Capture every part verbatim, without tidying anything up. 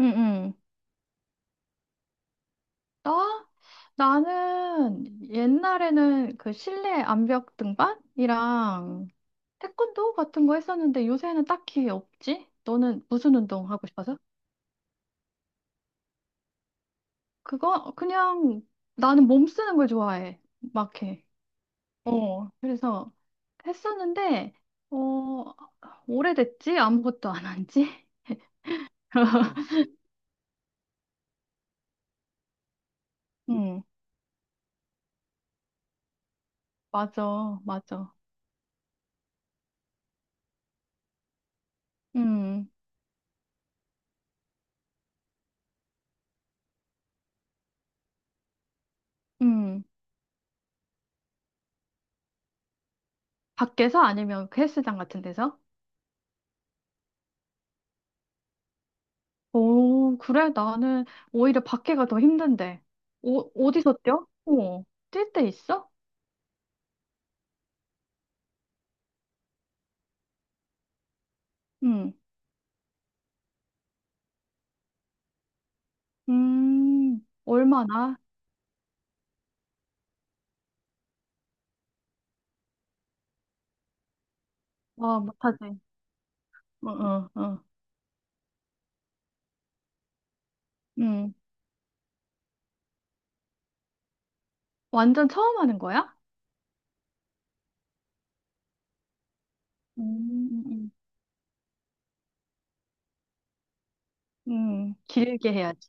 응응. 나? 나는 옛날에는 그 실내 암벽 등반이랑 태권도 같은 거 했었는데 요새는 딱히 없지? 너는 무슨 운동 하고 싶어서? 그거 그냥 나는 몸 쓰는 걸 좋아해. 막 해. 어, 그래서 했었는데 어, 오래됐지? 아무것도 안 한 지? 응. 맞아, 맞아. 음. 음. 밖에서 아니면 그 헬스장 같은 데서? 오, 그래? 나는 오히려 밖에가 더 힘든데. 오, 어디서 뛰어? 어, 뛸 때 있어? 응. 음, 얼마나? 와, 못하지. 어, 어, 어. 음, 완전 처음 하는 거야? 음. 음. 음. 응. 길게 해야지.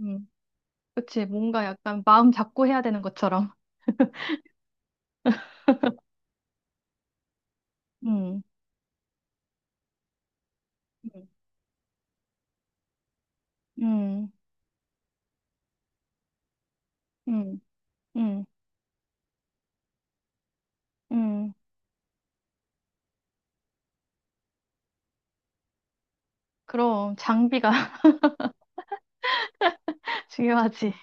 음, 그치. 뭔가 약간 마음 잡고 해야 되는 것처럼. 음. 음. 음. 음. 음. 그럼 장비가 중요하지.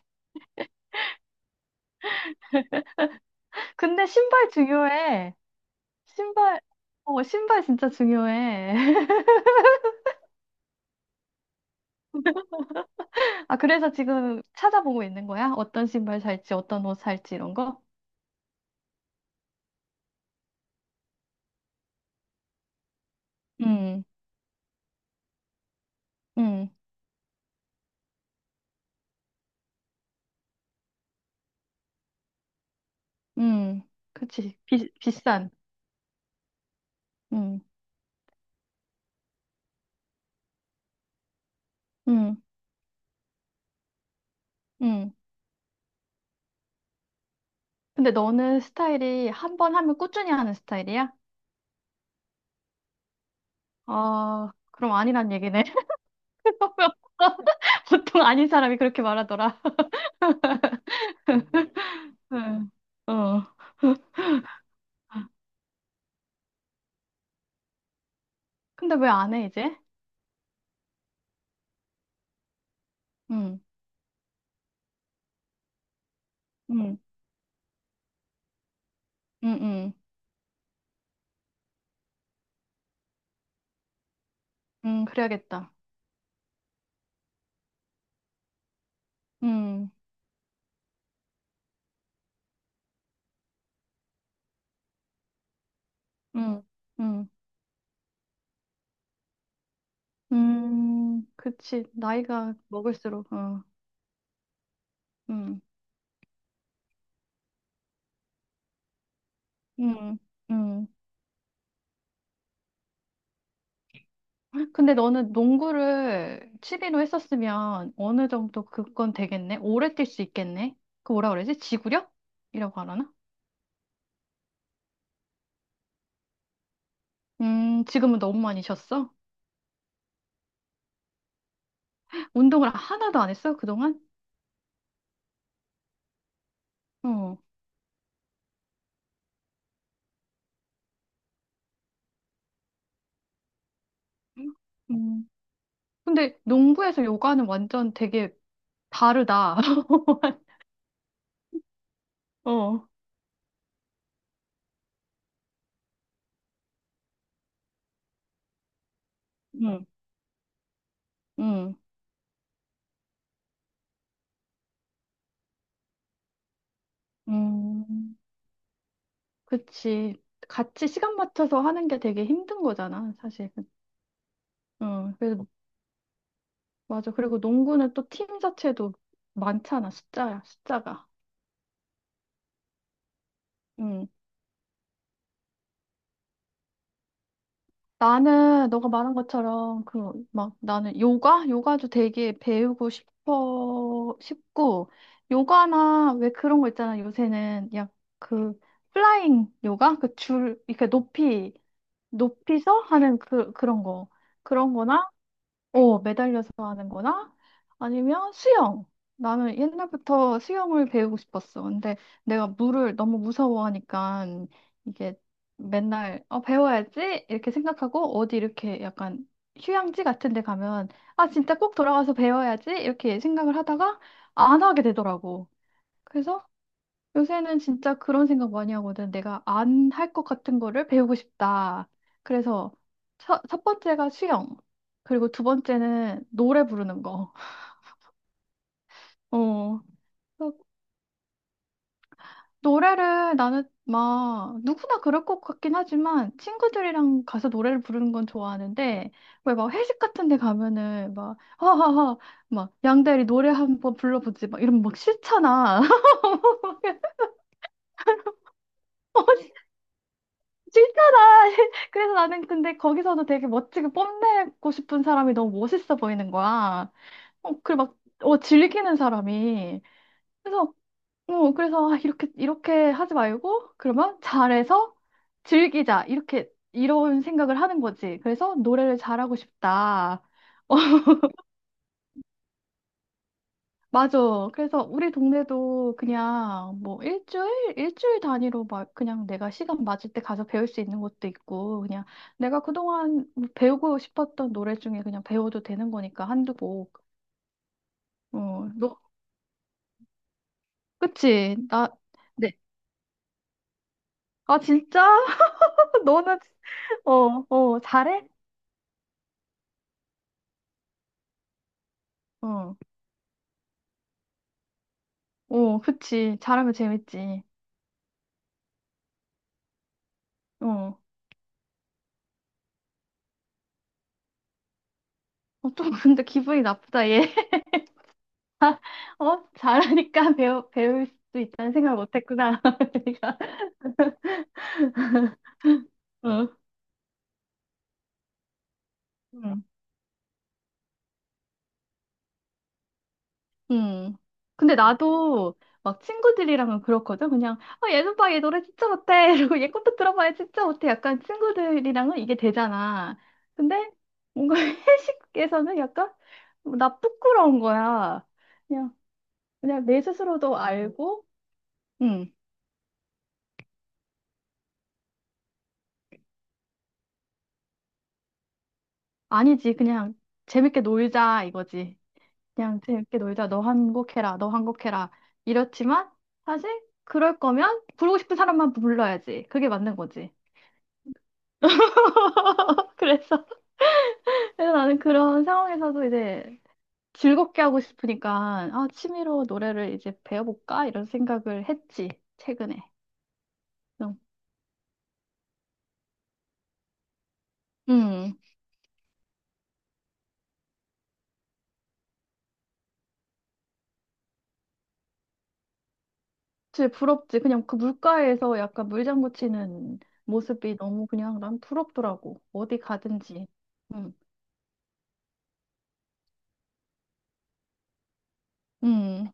근데 신발 중요해. 신발, 어, 신발 진짜 중요해. 아, 그래서 지금 찾아보고 있는 거야? 어떤 신발 살지, 어떤 옷 살지, 이런 거? 음. 음. 음. 음. 그치. 비, 비싼. 음. 음. 음. 근데 너는 스타일이 한번 하면 꾸준히 하는 스타일이야? 아, 그럼 아니란 얘기네. 보통 아닌 사람이 그렇게 말하더라. 응. 어. 근데 왜 안 해, 이제? 응, 응, 응, 응, 응, 그래야겠다. 음. 음. 음. 음. 그치. 나이가 먹을수록, 어, 음. 음. 음. 근데 너는 농구를 취미로 했었으면 어느 정도 그건 되겠네? 오래 뛸 수 있겠네? 그 뭐라 그러지? 지구력? 이라고 하나? 음, 지금은 너무 많이 쉬었어? 운동을 하나도 안 했어, 그동안? 어. 음. 근데 농구에서 요가는 완전 되게 다르다. 어. 음. 음. 음. 그치. 같이 시간 맞춰서 하는 게 되게 힘든 거잖아, 사실. 어, 그래서, 맞아. 그리고 농구는 또 팀 자체도 많잖아, 숫자야, 숫자가. 음. 나는, 너가 말한 것처럼, 그, 막, 나는 요가? 요가도 되게 배우고 싶어, 싶고, 요가나 왜 그런 거 있잖아, 요새는. 야, 그, 플라잉 요가? 그 줄, 이렇게 높이, 높이서 하는 그, 그런 거. 그런 거나, 어, 매달려서 하는 거나 아니면 수영. 나는 옛날부터 수영을 배우고 싶었어. 근데 내가 물을 너무 무서워하니까 이게 맨날 어, 배워야지 이렇게 생각하고 어디 이렇게 약간 휴양지 같은 데 가면 아, 진짜 꼭 돌아가서 배워야지 이렇게 생각을 하다가 안 하게 되더라고. 그래서 요새는 진짜 그런 생각 많이 하거든. 내가 안 할 것 같은 거를 배우고 싶다. 그래서 첫, 첫 번째가 수영. 그리고 두 번째는 노래 부르는 거. 어. 그 노래를 나는 막 누구나 그럴 것 같긴 하지만 친구들이랑 가서 노래를 부르는 건 좋아하는데 왜 막 회식 같은 데 가면은 막 허허허 막 양대리 노래 한번 불러보지 막 이러면 막 싫잖아. 싫잖아. 그래서 나는 근데 거기서도 되게 멋지게 뽐내고 싶은 사람이 너무 멋있어 보이는 거야. 어, 그리고 막, 어, 즐기는 사람이. 그래서, 어, 그래서 아, 이렇게, 이렇게 하지 말고, 그러면 잘해서 즐기자. 이렇게, 이런 생각을 하는 거지. 그래서 노래를 잘하고 싶다. 어, 맞아. 그래서 우리 동네도 그냥 뭐 일주일, 일주일 단위로 막 그냥 내가 시간 맞을 때 가서 배울 수 있는 것도 있고, 그냥 내가 그동안 뭐 배우고 싶었던 노래 중에 그냥 배워도 되는 거니까 한두 곡. 어, 너, 그치? 나, 네. 아, 진짜? 너는, 어, 어, 잘해? 어, 어, 그치. 잘하면 재밌지. 어. 어, 좀 근데 기분이 나쁘다, 얘. 어? 잘하니까 배우, 배울 수 있다는 생각을 못 했구나. 내가. 어. 음. 음. 근데 나도 막 친구들이랑은 그렇거든. 그냥, 아, 얘는 봐, 얘전 봐얘 노래 진짜 못해. 이러고 얘 것도 들어봐야 진짜 못해. 약간 친구들이랑은 이게 되잖아. 근데 뭔가 회식에서는 약간 뭐 나 부끄러운 거야. 그냥, 그냥 내 스스로도 알고, 음, 아니지. 그냥 재밌게 놀자 이거지. 그냥 재밌게 놀자. 너 한 곡 해라. 너 한 곡 해라. 이렇지만 사실 그럴 거면 부르고 싶은 사람만 불러야지. 그게 맞는 거지. 그래서, 그래서 나는 그런 상황에서도 이제 즐겁게 하고 싶으니까, 아, 취미로 노래를 이제 배워볼까? 이런 생각을 했지, 최근에. 그래서, 음, 진짜 부럽지. 그냥 그 물가에서 약간 물장구 치는 모습이 너무 그냥 난 부럽더라고. 어디 가든지. 음. 음.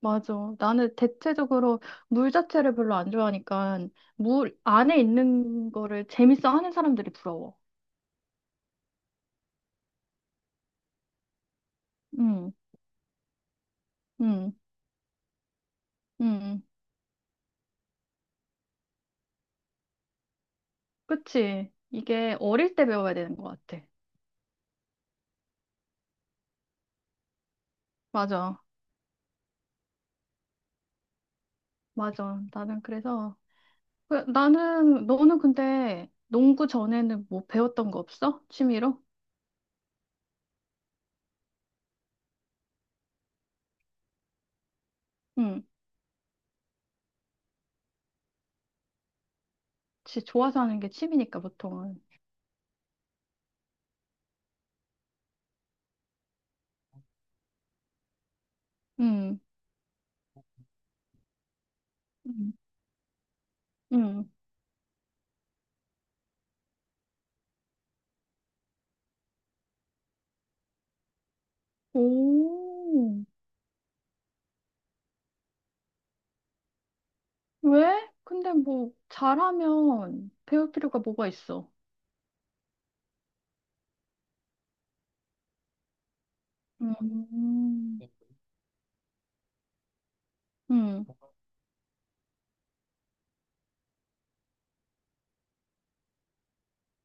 맞아. 나는 대체적으로 물 자체를 별로 안 좋아하니까 물 안에 있는 거를 재밌어 하는 사람들이 부러워. 음. 음. 음. 그치. 이게 어릴 때 배워야 되는 것 같아. 맞아. 맞아. 나는 그래서, 그- 나는, 너는 근데 농구 전에는 뭐 배웠던 거 없어? 취미로? 응. 지 좋아서 하는 게 취미니까 보통은. 응. 응. 응. 오. 왜? 근데 뭐, 잘하면 배울 필요가 뭐가 있어? 음. 응.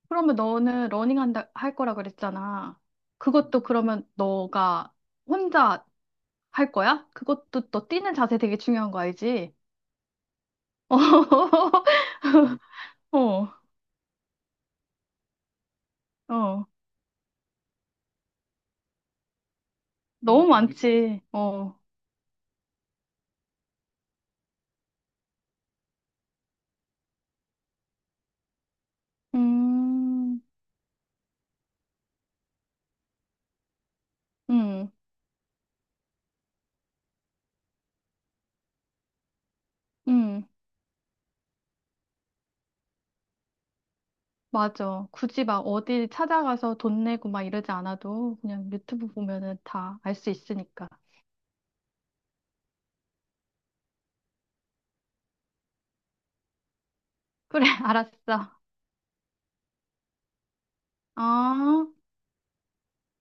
그러면 너는 러닝 한다, 할 거라 그랬잖아. 그것도 그러면 너가 혼자 할 거야? 그것도 너 뛰는 자세 되게 중요한 거 알지? 음, 어, 어. 음, 너무 많지. 어. 음. 음. 음. 맞아. 굳이 막 어디 찾아가서 돈 내고 막 이러지 않아도 그냥 유튜브 보면은 다 알 수 있으니까. 그래, 알았어. 어.